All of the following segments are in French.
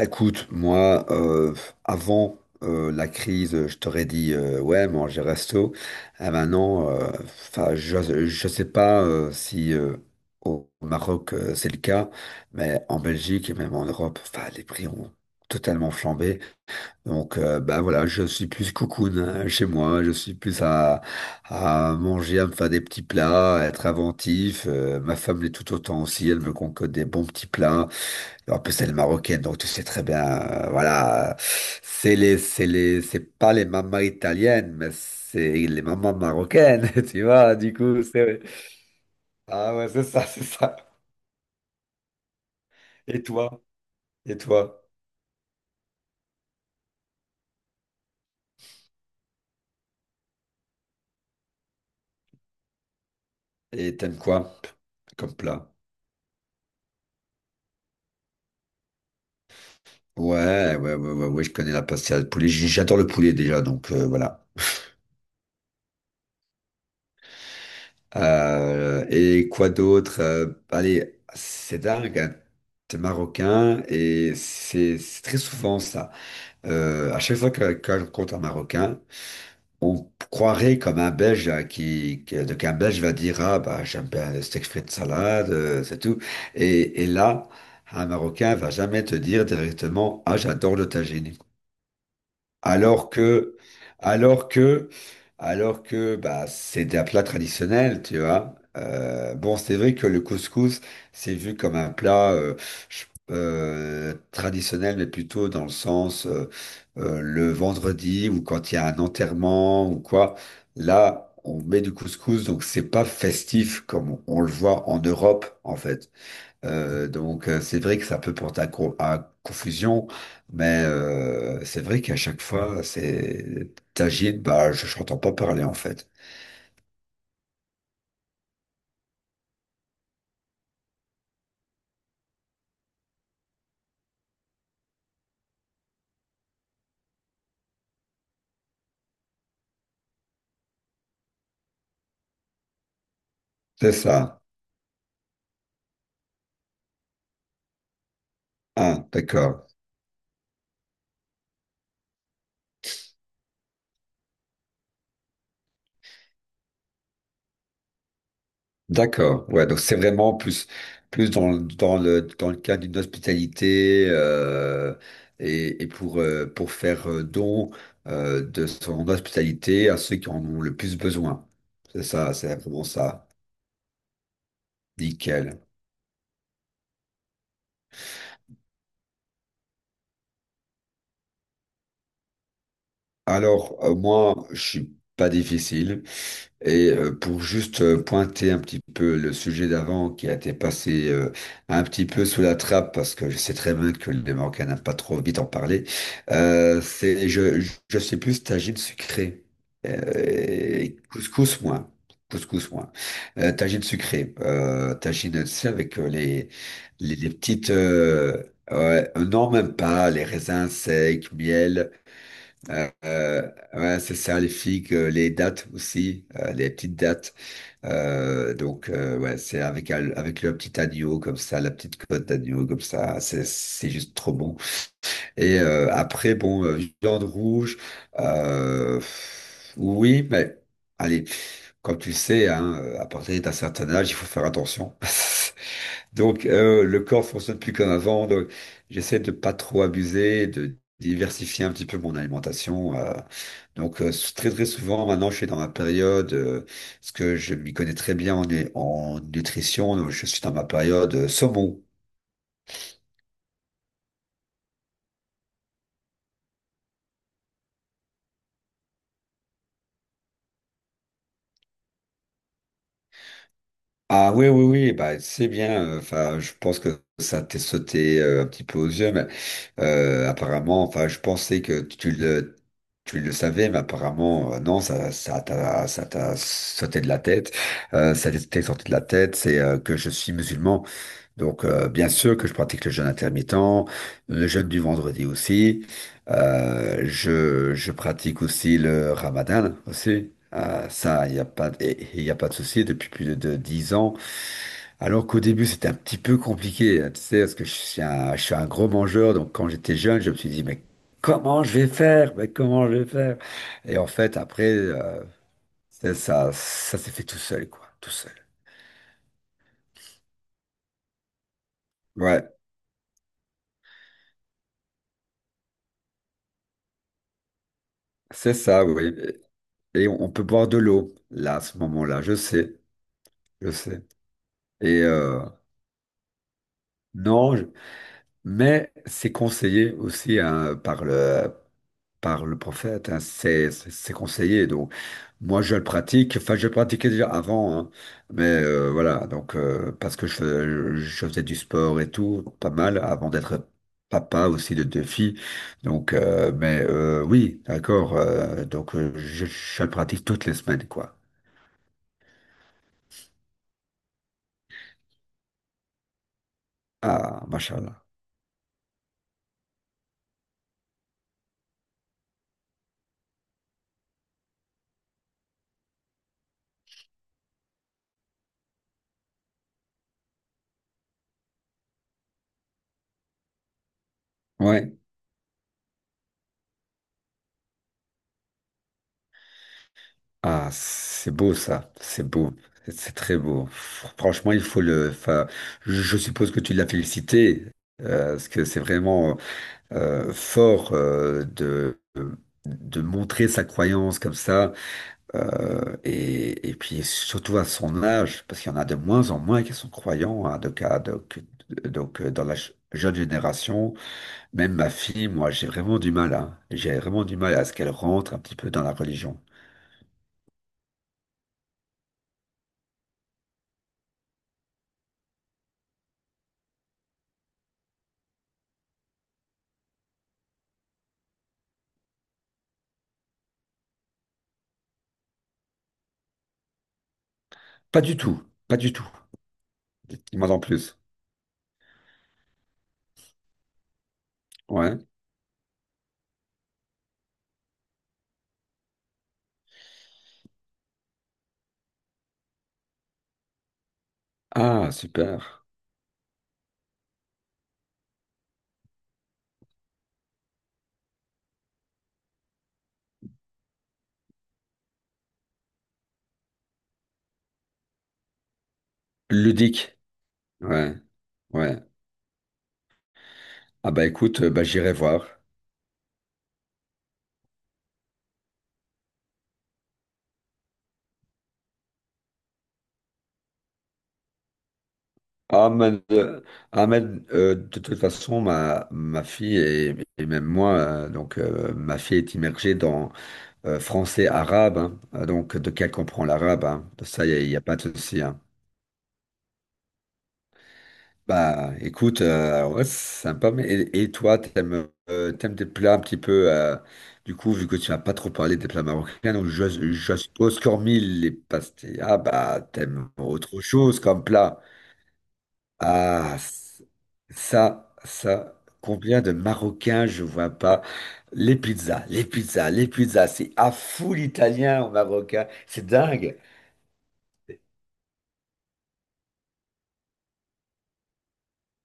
Écoute, moi, avant la crise, je t'aurais dit, ouais, manger resto. Et maintenant, je sais pas si au Maroc, c'est le cas, mais en Belgique et même en Europe, enfin, les prix ont totalement flambé. Donc, bah voilà, je suis plus cocoon hein, chez moi. Je suis plus à manger, à me faire des petits plats, à être inventif. Ma femme l'est tout autant aussi. Elle me concocte des bons petits plats. En plus, elle est marocaine, donc tu sais très bien, voilà, c'est les, c'est les, c'est pas les mamans italiennes, mais c'est les mamans marocaines, tu vois, du coup, ah ouais, c'est ça, c'est ça. Et toi, et toi, et t'aimes quoi comme plat? Ouais, ouais, ouais, ouais, ouais, je connais la pastilla de poulet, j'adore le poulet déjà, donc voilà. Et quoi d'autre? Allez, c'est dingue, hein. T'es marocain et c'est très souvent ça. À chaque fois que je rencontre un Marocain, on croirait comme un Belge hein, donc un Belge va dire ah bah j'aime bien le steak frites salade, c'est tout. Et là, un Marocain va jamais te dire directement ah j'adore le tagine. Alors que, alors que, alors que, bah, c'est un plat traditionnel, tu vois. Bon, c'est vrai que le couscous, c'est vu comme un plat je- traditionnel, mais plutôt dans le sens le vendredi ou quand il y a un enterrement ou quoi. Là, on met du couscous, donc c'est pas festif comme on le voit en Europe, en fait. Donc, c'est vrai que ça peut porter à, à confusion, mais c'est vrai qu'à chaque fois, c'est Tajid, bah je n'entends pas parler en fait. C'est ça. Ah, d'accord. D'accord. Ouais, donc c'est vraiment plus dans le cadre d'une hospitalité et pour faire don de son hospitalité à ceux qui en ont le plus besoin. C'est ça, c'est vraiment ça. Nickel. Alors, moi, je suis pas difficile. Et pour juste pointer un petit peu le sujet d'avant qui a été passé un petit peu sous la trappe, parce que je sais très bien que les Marocains n'aiment pas trop vite en parler, euh, c'est, je, je sais plus tagine sucrée. Couscous moins. Couscous moins. Tagine sucrée. Tagine, tu sais, avec les petites... ouais, non, même pas. Les raisins secs, miel. Euh, euh, ouais, c'est ça, les figues, les dattes aussi, les petites dattes. Donc, ouais, c'est avec, avec le petit agneau comme ça, la petite côte d'agneau comme ça, c'est juste trop bon. Et après, bon, viande rouge, euh, oui, mais allez, comme tu sais, hein, à partir d'un certain âge, il faut faire attention. Donc, le corps fonctionne plus comme avant. Donc, j'essaie de pas trop abuser, de diversifier un petit peu mon alimentation. Très très souvent, maintenant, je suis dans ma période, parce que je m'y connais très bien en, en nutrition. Donc, je suis dans ma période saumon. Ah oui, oui, oui, bah, c'est bien. Enfin, je pense que ça t'est sauté un petit peu aux yeux, mais enfin, je pensais que tu le savais, mais apparemment, non, ça t'a sauté de la tête. Ça t'est sorti de la tête, c'est que je suis musulman. Donc, bien sûr que je pratique le jeûne intermittent, le jeûne du vendredi aussi. Je pratique aussi le ramadan aussi. Ça, il y a pas de souci depuis plus de, 10 ans. Alors qu'au début, c'était un petit peu compliqué, hein, tu sais, parce que je suis un gros mangeur, donc quand j'étais jeune, je me suis dit, mais comment je vais faire? Mais comment je vais faire? Et en fait, après, c'est ça, ça s'est fait tout seul, quoi, tout seul. Ouais, c'est ça, oui. Et on peut boire de l'eau, là, à ce moment-là, je sais. Et non, je- mais c'est conseillé aussi hein, par le prophète, hein, c'est conseillé. Donc, moi, je le pratique. Enfin, je le pratiquais déjà avant, hein, mais voilà. Donc, parce que je faisais du sport et tout, pas mal, avant d'être papa aussi de 2 filles. Donc, mais oui, d'accord. Donc, je le pratique toutes les semaines, quoi. Ah, machallah. Ouais. Ah, c'est beau ça. C'est beau. C'est très beau. Franchement, il faut le. Enfin, je suppose que tu l'as félicité. Parce que c'est vraiment fort de montrer sa croyance comme ça, et puis surtout à son âge, parce qu'il y en a de moins en moins qui sont croyants, hein, donc, dans la jeune génération, même ma fille, moi j'ai vraiment du mal, hein. J'ai vraiment du mal à ce qu'elle rentre un petit peu dans la religion. Pas du tout, pas du tout, il m'en plus. Ouais. Ah, super. Ludique. Ouais, ouais. Ah bah écoute, bah j'irai voir. Ahmed, euh, Ahmed, de toute façon, ma fille et même moi, ma fille est immergée dans français arabe, hein. Donc de qu'elle comprend l'arabe, hein. De ça, y a pas de souci. Hein. Bah, écoute, ouais, c'est sympa. Mais et toi, t'aimes des plats un petit peu, du coup, vu que tu n'as pas trop parlé des plats marocains, donc je suppose qu'hormis les pastilles, ah bah, t'aimes autre chose comme plat. Ah, c- ça, combien de Marocains je vois pas. Les pizzas, c'est à fou l'italien au Marocain, c'est dingue.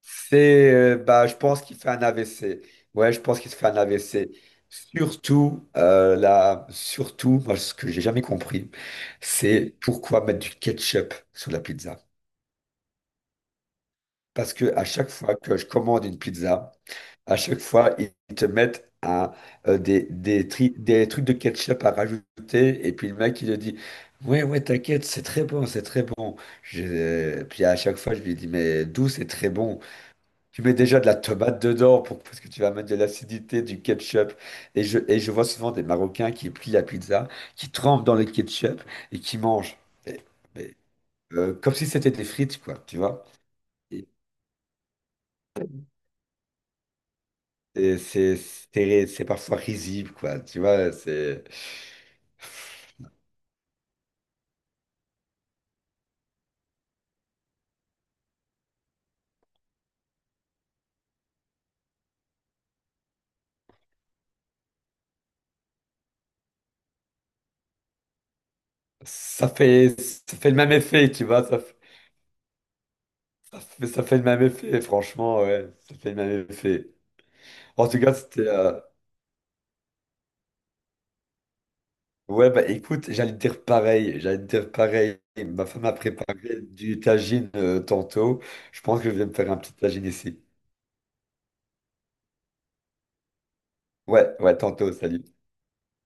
C'est, bah, je pense qu'il fait un AVC. Ouais, je pense qu'il se fait un AVC. Surtout, surtout, moi, ce que j'ai jamais compris, c'est pourquoi mettre du ketchup sur la pizza. Parce que à chaque fois que je commande une pizza, à chaque fois, ils te mettent un, des, tri- des trucs de ketchup à rajouter. Et puis le mec, il te dit, ouais, ouais, t'inquiète, c'est très bon, c'est très bon. Puis à chaque fois, je lui dis, mais d'où c'est très bon? Tu mets déjà de la tomate dedans pour... parce que tu vas mettre de l'acidité, du ketchup. Et je vois souvent des Marocains qui plient la pizza, qui trempent dans le ketchup et qui mangent. Et- et, Comme si c'était des frites, quoi, tu vois. Et c'est parfois risible, quoi. Tu vois, c'est. Ça fait le même effet, tu vois. Ça fait le même effet, franchement, ouais. Ça fait le même effet. En tout cas, c'était. Ouais, bah écoute, j'allais te dire pareil. J'allais te dire pareil. Ma femme a préparé du tagine tantôt. Je pense que je vais me faire un petit tagine ici. Ouais, ouais, tantôt, salut.